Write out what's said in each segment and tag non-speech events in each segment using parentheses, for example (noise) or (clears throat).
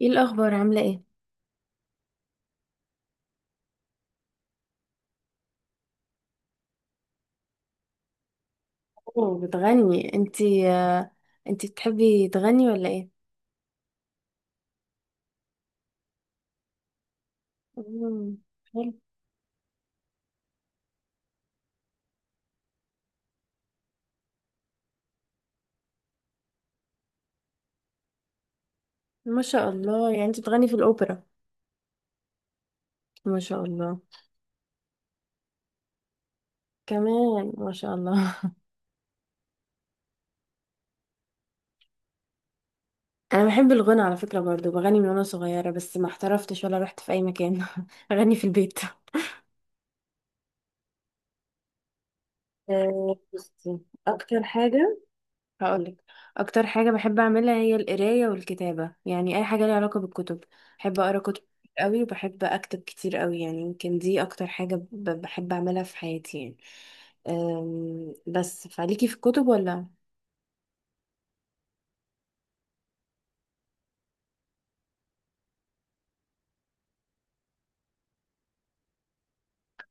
ايه الاخبار، عامله ايه؟ اوه، بتغني انتي؟ انتي بتحبي تغني ولا ايه؟ مم، حلو. ما شاء الله، يعني انتي بتغني في الاوبرا. ما شاء الله. كمان ما شاء الله. (laughs) انا بحب الغنى على فكره برضو، بغني من وانا صغيره بس ما احترفتش ولا رحت في اي مكان. (laughs) اغني في البيت. بصي، اكتر حاجه هقولك. اكتر حاجه بحب اعملها هي القرايه والكتابه، يعني اي حاجه ليها علاقه بالكتب. بحب اقرا كتب كتير قوي، وبحب اكتب كتير قوي، يعني يمكن دي اكتر حاجه بحب اعملها في حياتي يعني. بس فعليكي في الكتب ولا؟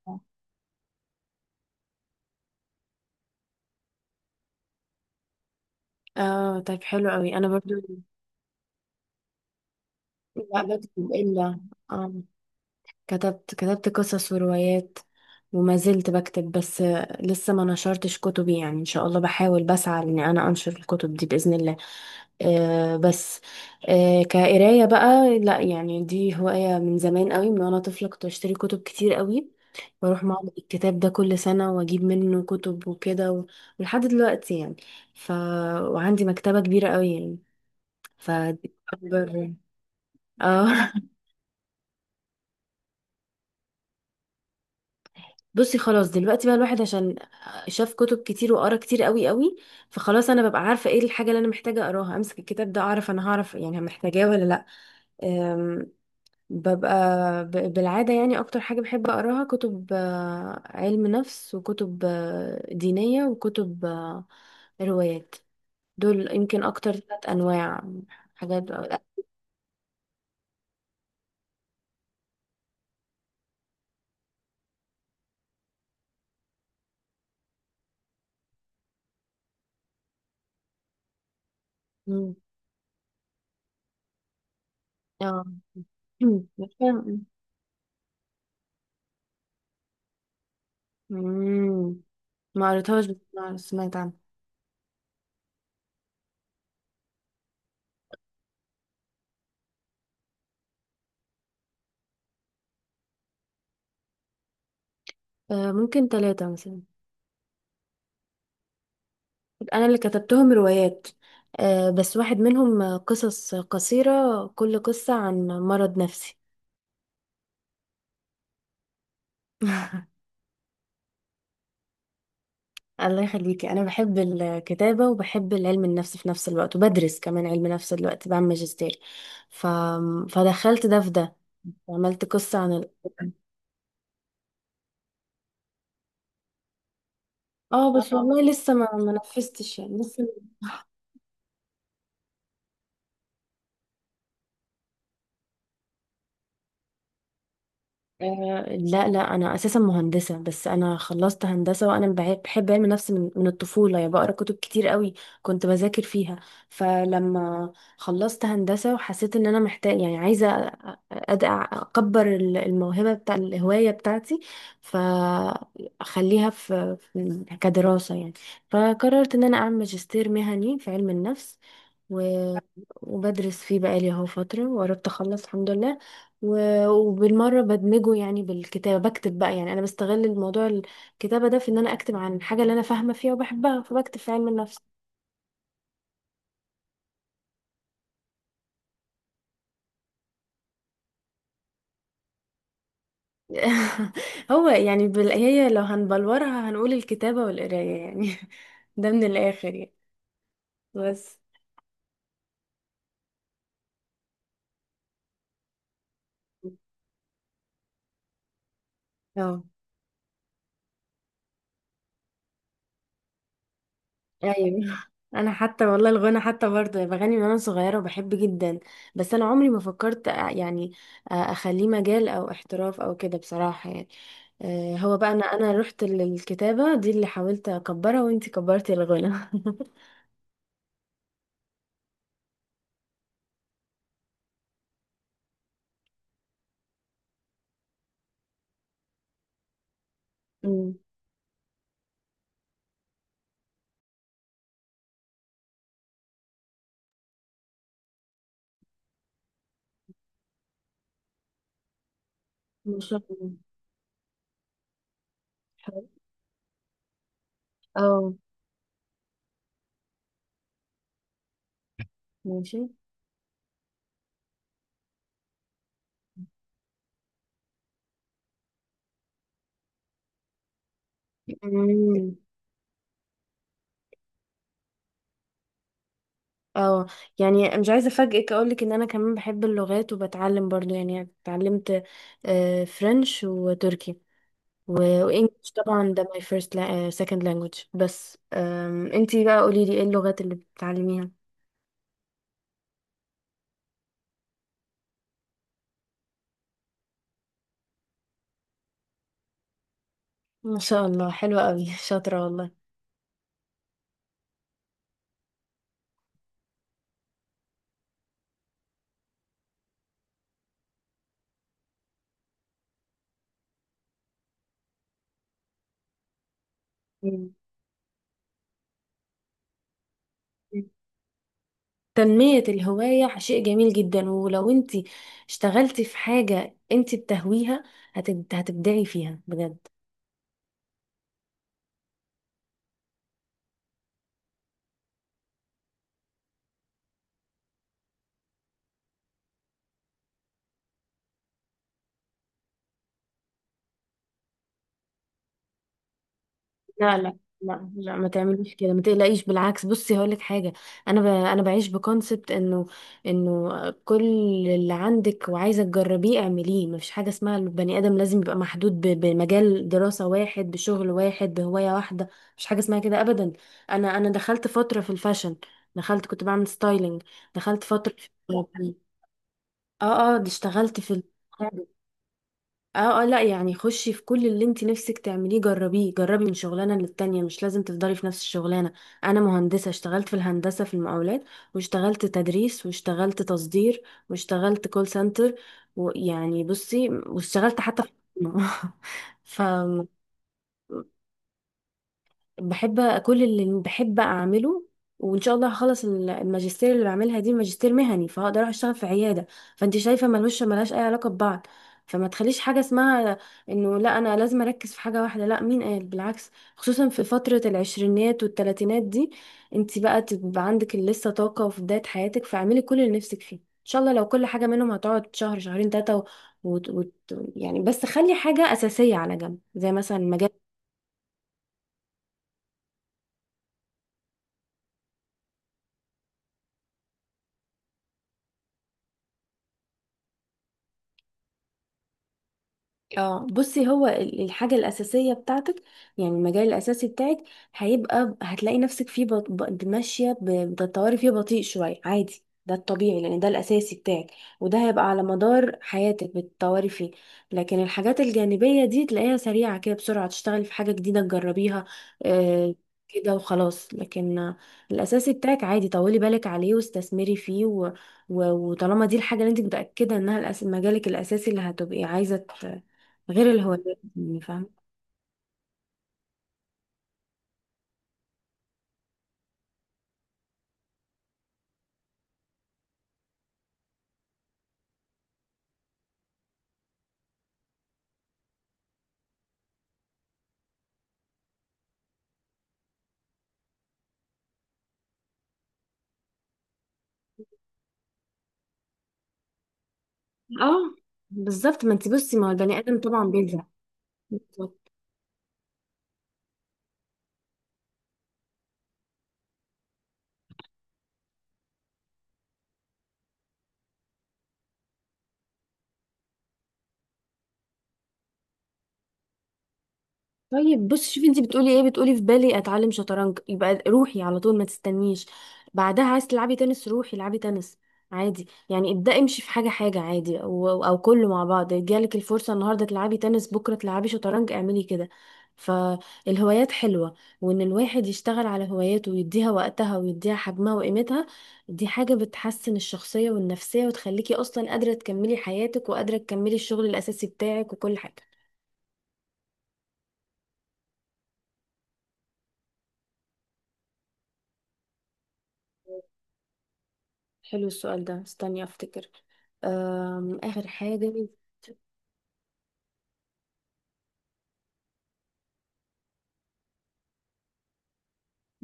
آه. اه طيب، حلو قوي. انا برضو لا بكتب الا آه. كتبت قصص وروايات، وما زلت بكتب، بس لسه ما نشرتش كتبي يعني. ان شاء الله بحاول، بسعى ان انا انشر الكتب دي باذن الله. بس، كقراية بقى لا، يعني دي هواية من زمان قوي، من وانا طفلة كنت بشتري كتب كتير قوي، واروح معرض الكتاب ده كل سنة واجيب منه كتب وكده ولحد دلوقتي يعني. ف وعندي مكتبة كبيرة قوي يعني. ف دي أكبر- اه. (laughs) بصي، خلاص دلوقتي بقى الواحد، عشان شاف كتب كتير وقرا كتير قوي قوي، فخلاص انا ببقى عارفة ايه الحاجة اللي انا محتاجة اقراها. امسك الكتاب ده، اعرف انا، هعرف يعني محتاجاه ولا لا. ببقى بالعادة يعني. أكتر حاجة بحب أقراها كتب علم نفس، وكتب دينية، وكتب روايات. دول يمكن أكتر ثلاث أنواع حاجات. مم. اه. (clears throat) مم. عارفة؟ مم. ما قريتهاش، بس أنا سمعت عنها. ممكن ثلاثة مثلا. أنا اللي كتبتهم روايات، بس واحد منهم قصص قصيرة، كل قصة عن مرض نفسي. (laughs) الله يخليكي. انا بحب الكتابه وبحب العلم النفس في نفس الوقت، وبدرس كمان علم نفس دلوقتي، بعمل ماجستير. ف... فدخلت ده في ده. عملت قصه عن اه بس. والله لسه ما نفذتش، يعني لسه. لا لا، انا اساسا مهندسه، بس انا خلصت هندسه وانا بحب علم النفس من الطفوله. يعني بقرا كتب كتير قوي، كنت بذاكر فيها. فلما خلصت هندسه وحسيت ان انا محتاج، يعني عايزه اكبر الموهبه بتاع الهوايه بتاعتي، فاخليها في كدراسه يعني. فقررت ان انا اعمل ماجستير مهني في علم النفس، و... وبدرس فيه بقالي اهو فتره، وقربت اخلص الحمد لله. وبالمرة بدمجه يعني بالكتابة، بكتب بقى. يعني أنا بستغل الموضوع الكتابة ده في إن أنا أكتب عن الحاجة اللي أنا فاهمة فيها وبحبها، فبكتب في علم النفس. (laughs) هو يعني هي لو هنبلورها هنقول الكتابة والقراية يعني. (laughs) ده من الآخر يعني، بس. اه ايوه. انا حتى والله الغنى حتى برضه بغني من وانا صغيره وبحب جدا، بس انا عمري ما فكرت يعني اخليه مجال او احتراف او كده بصراحه يعني. هو بقى، انا رحت للكتابه دي اللي حاولت اكبرها، وانتي كبرتي الغنى. (laughs) أمم. ما شاء الله. حلو. اه. ماشي. أمم. اه يعني مش عايزه افاجئك، اقولك ان انا كمان بحب اللغات وبتعلم برضو يعني اتعلمت فرنش وتركي. لو انجلش طبعا ده my first second language، بس انتي بقى قوليلي، ايه اللغات اللي بتتعلميها؟ ما شاء الله، حلوة قوي. (laughs) شاطرة والله. مم. تنمية الهواية شيء جميل جدا. ولو انتي اشتغلتي في حاجة انتي بتهويها، هتبدعي فيها بجد. لا لا. لا لا، ما تعمليش كده، ما تقلقيش، بالعكس. بصي هقول لك حاجه. انا بعيش بكونسبت انه، انه كل اللي عندك وعايزه تجربيه اعمليه. ما فيش حاجه اسمها البني ادم لازم يبقى محدود بمجال دراسه واحد، بشغل واحد، بهوايه واحده. مش حاجه اسمها كده ابدا. انا دخلت فتره في الفاشن، دخلت كنت بعمل ستايلينج، دخلت فتره اه اه، دي اشتغلت في اه اه. لا يعني، خشي في كل اللي انت نفسك تعمليه، جربيه. جربي من شغلانه للتانيه، مش لازم تفضلي في نفس الشغلانه. انا مهندسه، اشتغلت في الهندسه في المقاولات، واشتغلت تدريس، واشتغلت تصدير، واشتغلت كول سنتر، ويعني بصي واشتغلت حتى في (laughs) الحكومة. بحب كل اللي بحب اعمله، وان شاء الله هخلص الماجستير اللي بعملها دي، ماجستير مهني، فهقدر اروح اشتغل في عياده. فانت شايفه ملوش ملهاش اي علاقه ببعض، فما تخليش حاجه اسمها انه لا، انا لازم اركز في حاجه واحده. لا، مين قال؟ بالعكس، خصوصا في فتره العشرينات والثلاثينات دي، انت بقى تبقى عندك لسه طاقه وفي بدايه حياتك، فاعملي كل اللي نفسك فيه. ان شاء الله لو كل حاجه منهم هتقعد شهر، شهرين، ثلاثه وت... وت... يعني. بس خلي حاجه اساسيه على جنب زي مثلا مجال. اه بصي، هو الحاجة الأساسية بتاعتك، يعني المجال الأساسي بتاعك، هيبقى، هتلاقي نفسك فيه ماشية، بتطوري فيه بطيء شوية، عادي، ده الطبيعي، لأن ده الأساسي بتاعك، وده هيبقى على مدار حياتك بتطوري فيه. لكن الحاجات الجانبية دي تلاقيها سريعة كده، بسرعة تشتغلي في حاجة جديدة تجربيها، آه كده وخلاص. لكن الأساسي بتاعك عادي طولي بالك عليه واستثمري فيه وطالما دي الحاجة اللي انت متأكدة انها مجالك الأساسي اللي هتبقي عايزة، غير الهوايات يعني، فاهمة. اه بالظبط، ما انت بصي، ما هو البني ادم طبعا بيزهق. طيب بص، شوفي انت بتقولي ايه، بتقولي في بالي اتعلم شطرنج، يبقى روحي على طول، ما تستنيش. بعدها عايز تلعبي تنس، روحي العبي تنس. عادي يعني، ابدأي امشي في حاجة حاجة، عادي او كله مع بعض. جالك الفرصة النهاردة تلعبي تنس، بكرة تلعبي شطرنج، اعملي كده. فالهوايات حلوة، وان الواحد يشتغل على هواياته ويديها وقتها ويديها حجمها وقيمتها، دي حاجة بتحسن الشخصية والنفسية وتخليكي اصلا قادرة تكملي حياتك، وقادرة تكملي الشغل الاساسي بتاعك وكل حاجة. حلو السؤال ده، استني افتكر. اخر حاجة.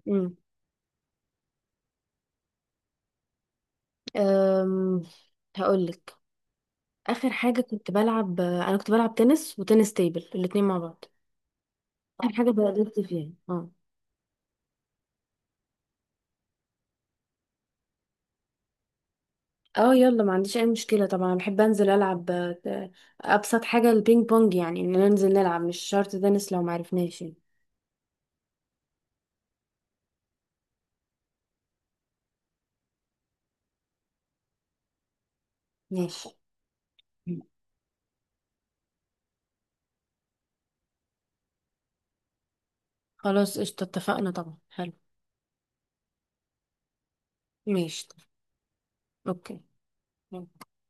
امم. أم... هقولك. اخر حاجة كنت بلعب انا كنت بلعب تنس وتنس تيبل الاتنين مع بعض. اخر حاجة بدأت فيها. اه. اه يلا، ما عنديش اي مشكلة طبعا. انا بحب انزل العب. آه، ابسط حاجة البينج بونج، يعني ان ننزل نلعب، مش شرط تنس لو معرفناش يعني. ماشي. خلاص قشطة، اتفقنا طبعا، حلو. ماشي. اوكي.